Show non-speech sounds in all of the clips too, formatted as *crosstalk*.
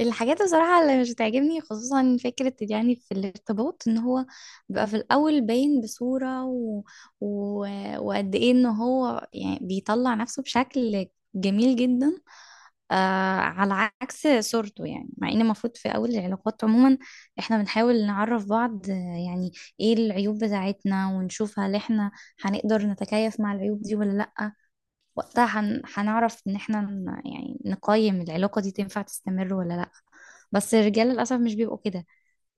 الحاجات بصراحة اللي مش بتعجبني، خصوصا فكرة، يعني في الارتباط ان هو بيبقى في الاول باين بصورة و... وقد ايه ان هو يعني بيطلع نفسه بشكل جميل جدا، آه على عكس صورته. يعني مع ان المفروض في اول العلاقات عموما احنا بنحاول نعرف بعض، يعني ايه العيوب بتاعتنا، ونشوف هل احنا هنقدر نتكيف مع العيوب دي ولا لا. وقتها هنعرف ان احنا يعني نقيم العلاقة دي تنفع تستمر ولا لا. بس الرجال للأسف مش بيبقوا كده.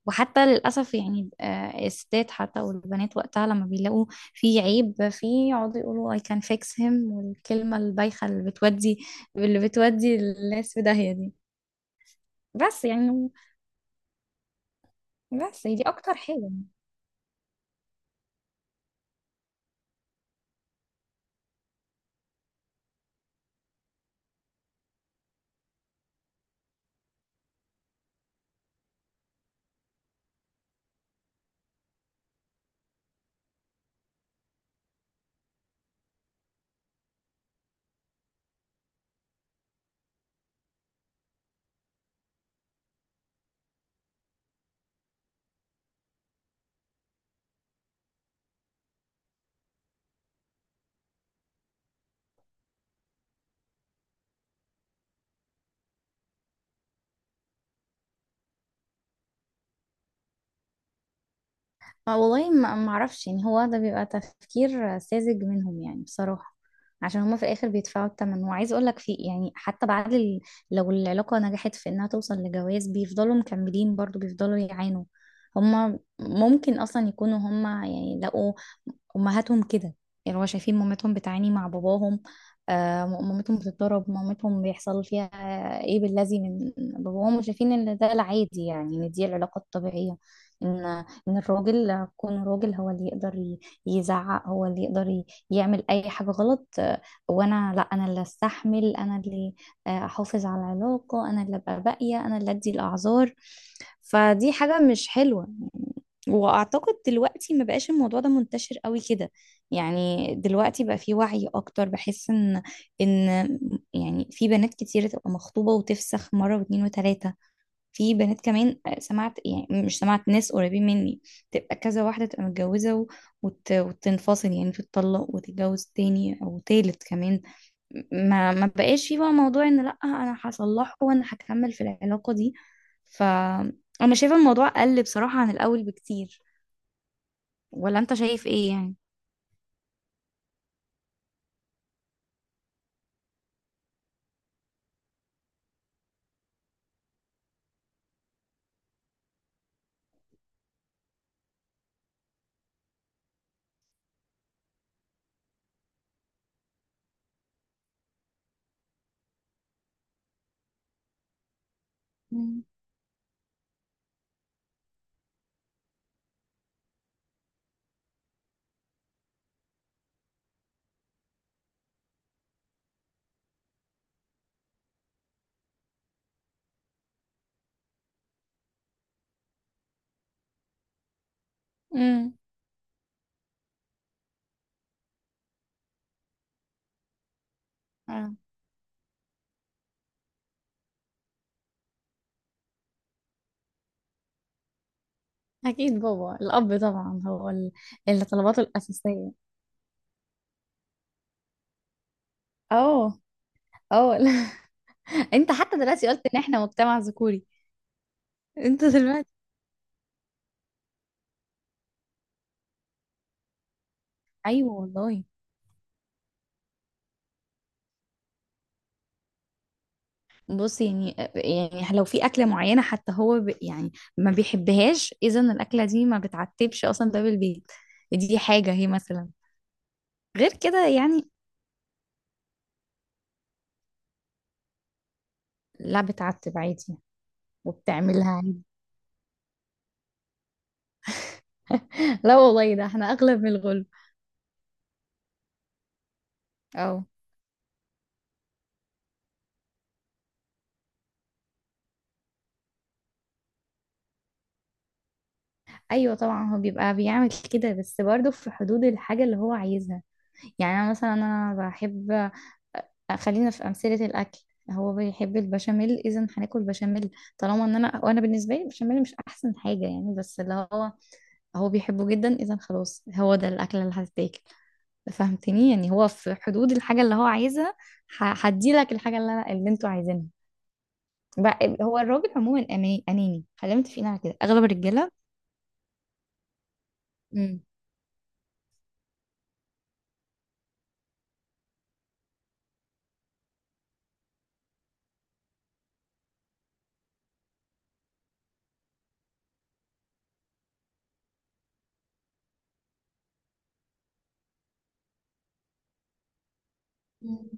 وحتى للأسف يعني الستات حتى والبنات وقتها لما بيلاقوا في عيب فيه يقعدوا يقولوا I can fix him، والكلمة البايخة اللي بتودي الناس في داهية دي. بس يعني، بس هي دي أكتر حاجة. والله ما اعرفش. يعني هو ده بيبقى تفكير ساذج منهم، يعني بصراحة. عشان هما في الاخر بيدفعوا الثمن. وعايز اقول لك في، يعني حتى بعد لو العلاقة نجحت في انها توصل لجواز، بيفضلوا مكملين برضو، بيفضلوا يعانوا. هما ممكن اصلا يكونوا هما يعني لقوا امهاتهم كده. يعني هو شايفين مامتهم بتعاني مع باباهم. مامتهم بتتضرب، مامتهم بيحصل فيها ايه بالذي من باباهم، وشايفين ان ده العادي، يعني ان دي العلاقة الطبيعية. ان ان الراجل كون راجل هو اللي يقدر يزعق، هو اللي يقدر يعمل اي حاجة غلط، وانا لا، انا اللي استحمل، انا اللي احافظ على العلاقة، انا اللي ابقى باقية، انا اللي ادي الاعذار. فدي حاجة مش حلوة. واعتقد دلوقتي ما بقاش الموضوع ده منتشر قوي كده. يعني دلوقتي بقى في وعي اكتر، بحس ان ان يعني في بنات كتير تبقى مخطوبة وتفسخ مرة واتنين وتلاتة. في بنات كمان، سمعت، يعني مش سمعت، ناس قريبين مني تبقى كذا واحدة، تبقى متجوزة وتنفصل، يعني تتطلق وتتجوز تاني او تالت كمان. ما بقاش في بقى موضوع ان لا، انا هصلحه وانا هكمل في العلاقة دي. ف انا شايفة الموضوع قل بصراحة عن الاول بكتير. ولا انت شايف ايه يعني؟ مم. مم. اه، أكيد بابا، الأب طبعا، اللي طلباته الأساسية. اه. اه لا. *laughs* أنت حتى دلوقتي قلت إن إحنا مجتمع ذكوري. انت دلوقتي. *laughs* أيوه والله. بص، يعني لو في أكلة معينة حتى هو يعني ما بيحبهاش، إذا الأكلة دي ما بتعتبش أصلا باب البيت. دي حاجة، هي مثلا، غير كده يعني. لا، بتعتب عادي، وبتعملها عادي. *laughs* لا والله، ده إحنا أغلب من الغلب. اه. ايوه طبعا هو بيبقى بيعمل كده، بس برضه في حدود الحاجه اللي هو عايزها. يعني انا مثلا، انا بحب، خلينا في امثله الاكل. هو بيحب البشاميل، اذا هناكل بشاميل. طالما ان انا، وانا بالنسبه لي البشاميل مش احسن حاجه يعني، بس اللي هو بيحبه جدا، اذا خلاص هو ده الاكله اللي هتتاكل. فهمتني؟ يعني هو في حدود الحاجه اللي هو عايزها. هدي لك الحاجه اللي انا، اللي انتوا عايزينها. هو الراجل عموما اناني، خلينا متفقين على كده، اغلب الرجاله. امم. مم.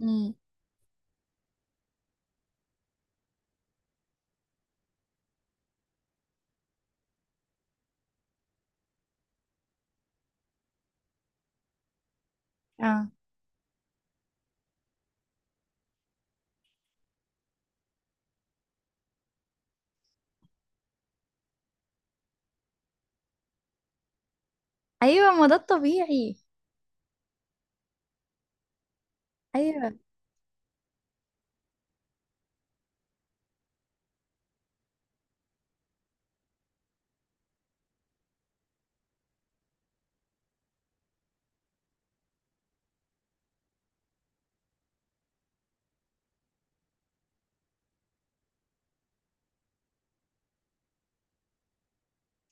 مم. اه. ايوه، ما ده الطبيعي. ايوه.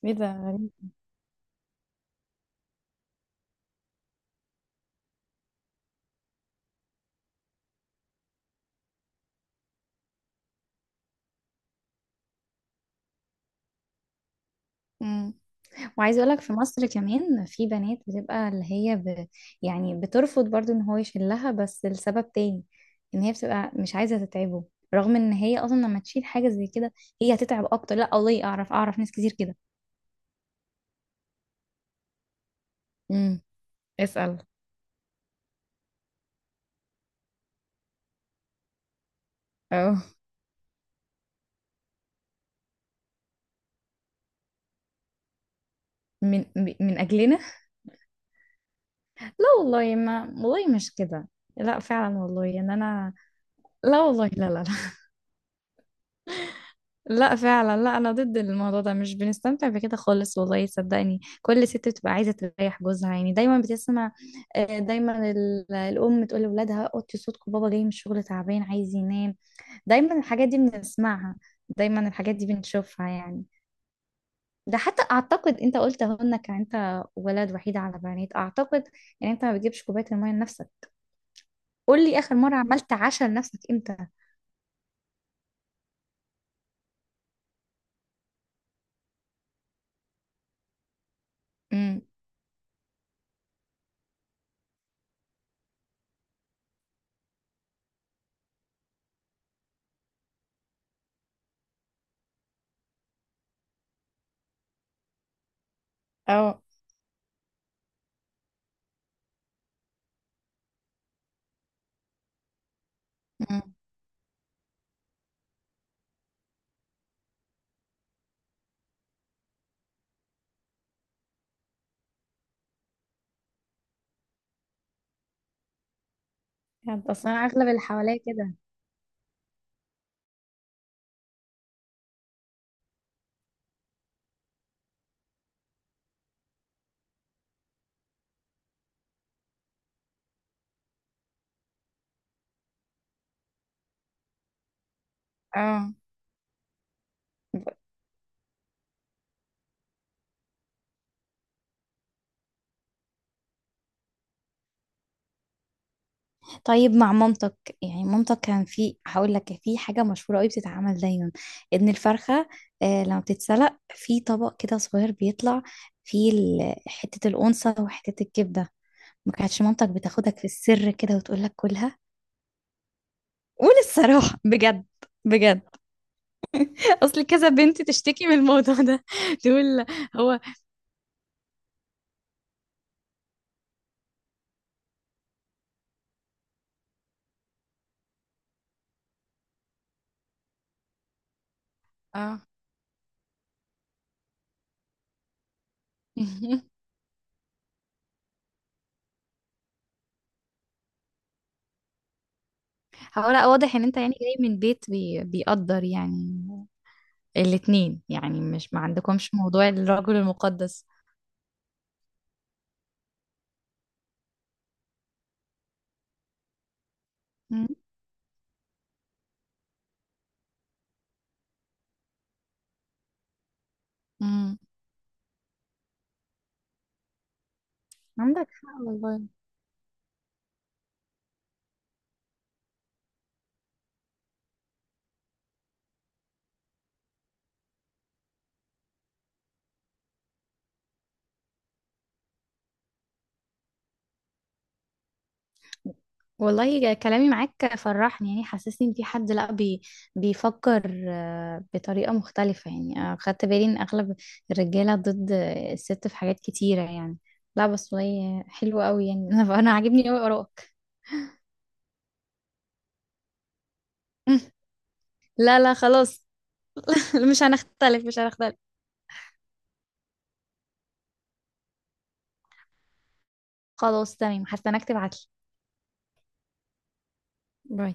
ايه ده غريب. امم. وعايزه اقول لك في مصر كمان في بنات بتبقى اللي هي يعني بترفض برضو ان هو يشيلها، بس لسبب تاني، ان هي بتبقى مش عايزه تتعبه. رغم ان هي اصلا لما تشيل حاجه زي كده هي هتتعب اكتر. لا والله، اعرف ناس كتير كده. امم. اسال. اه. من اجلنا؟ لا والله، ما والله مش كده. لا فعلا والله، ان انا، لا والله، لا لا. لا فعلا لا، انا ضد الموضوع ده، مش بنستمتع بكده خالص. والله صدقني، كل ست بتبقى عايزه تريح جوزها. يعني دايما بتسمع، دايما الام تقول لاولادها اوطي صوتكم، بابا جاي من الشغل تعبان عايز ينام. دايما الحاجات دي بنسمعها، دايما الحاجات دي بنشوفها يعني. ده حتى اعتقد، انت قلت اهو انك انت ولد وحيد على بنات، اعتقد ان انت ما بتجيبش كوبايه الميه لنفسك. قول لي اخر مره عملت عشاء لنفسك امتى؟ امم. اه. امم، اصلا اغلب اللي حواليا كده. اه. طيب مع مامتك، يعني مامتك كان في، هقول لك في حاجة مشهورة قوي بتتعمل دايما. ان الفرخة لما بتتسلق في طبق كده صغير بيطلع فيه حتة الأنثى وحتة الكبدة. ما كانتش مامتك بتاخدك في السر كده وتقول لك كلها؟ قول الصراحة بجد. بجد. *laughs* اصل كذا بنت تشتكي من الموضوع ده، *laughs* تقول. هو. اه. *laughs* هو لا، واضح ان انت يعني جاي من بيت بيقدر يعني الاتنين، يعني مش، ما عندكمش موضوع الرجل المقدس. مم. مم. عندك حق والله. والله كلامي معاك فرحني، يعني حسسني ان في حد لا، بيفكر، بطريقة مختلفة، يعني. خدت بالي ان اغلب الرجالة ضد، الست في حاجات كتيرة يعني. لا بس والله حلوة قوي يعني. *laughs* أنا عاجبني قوي ارائك. *laughs* لا لا خلاص. *laughs* مش هنختلف، مش هنختلف. خلاص تمام، هستناك تبعتلي. باي.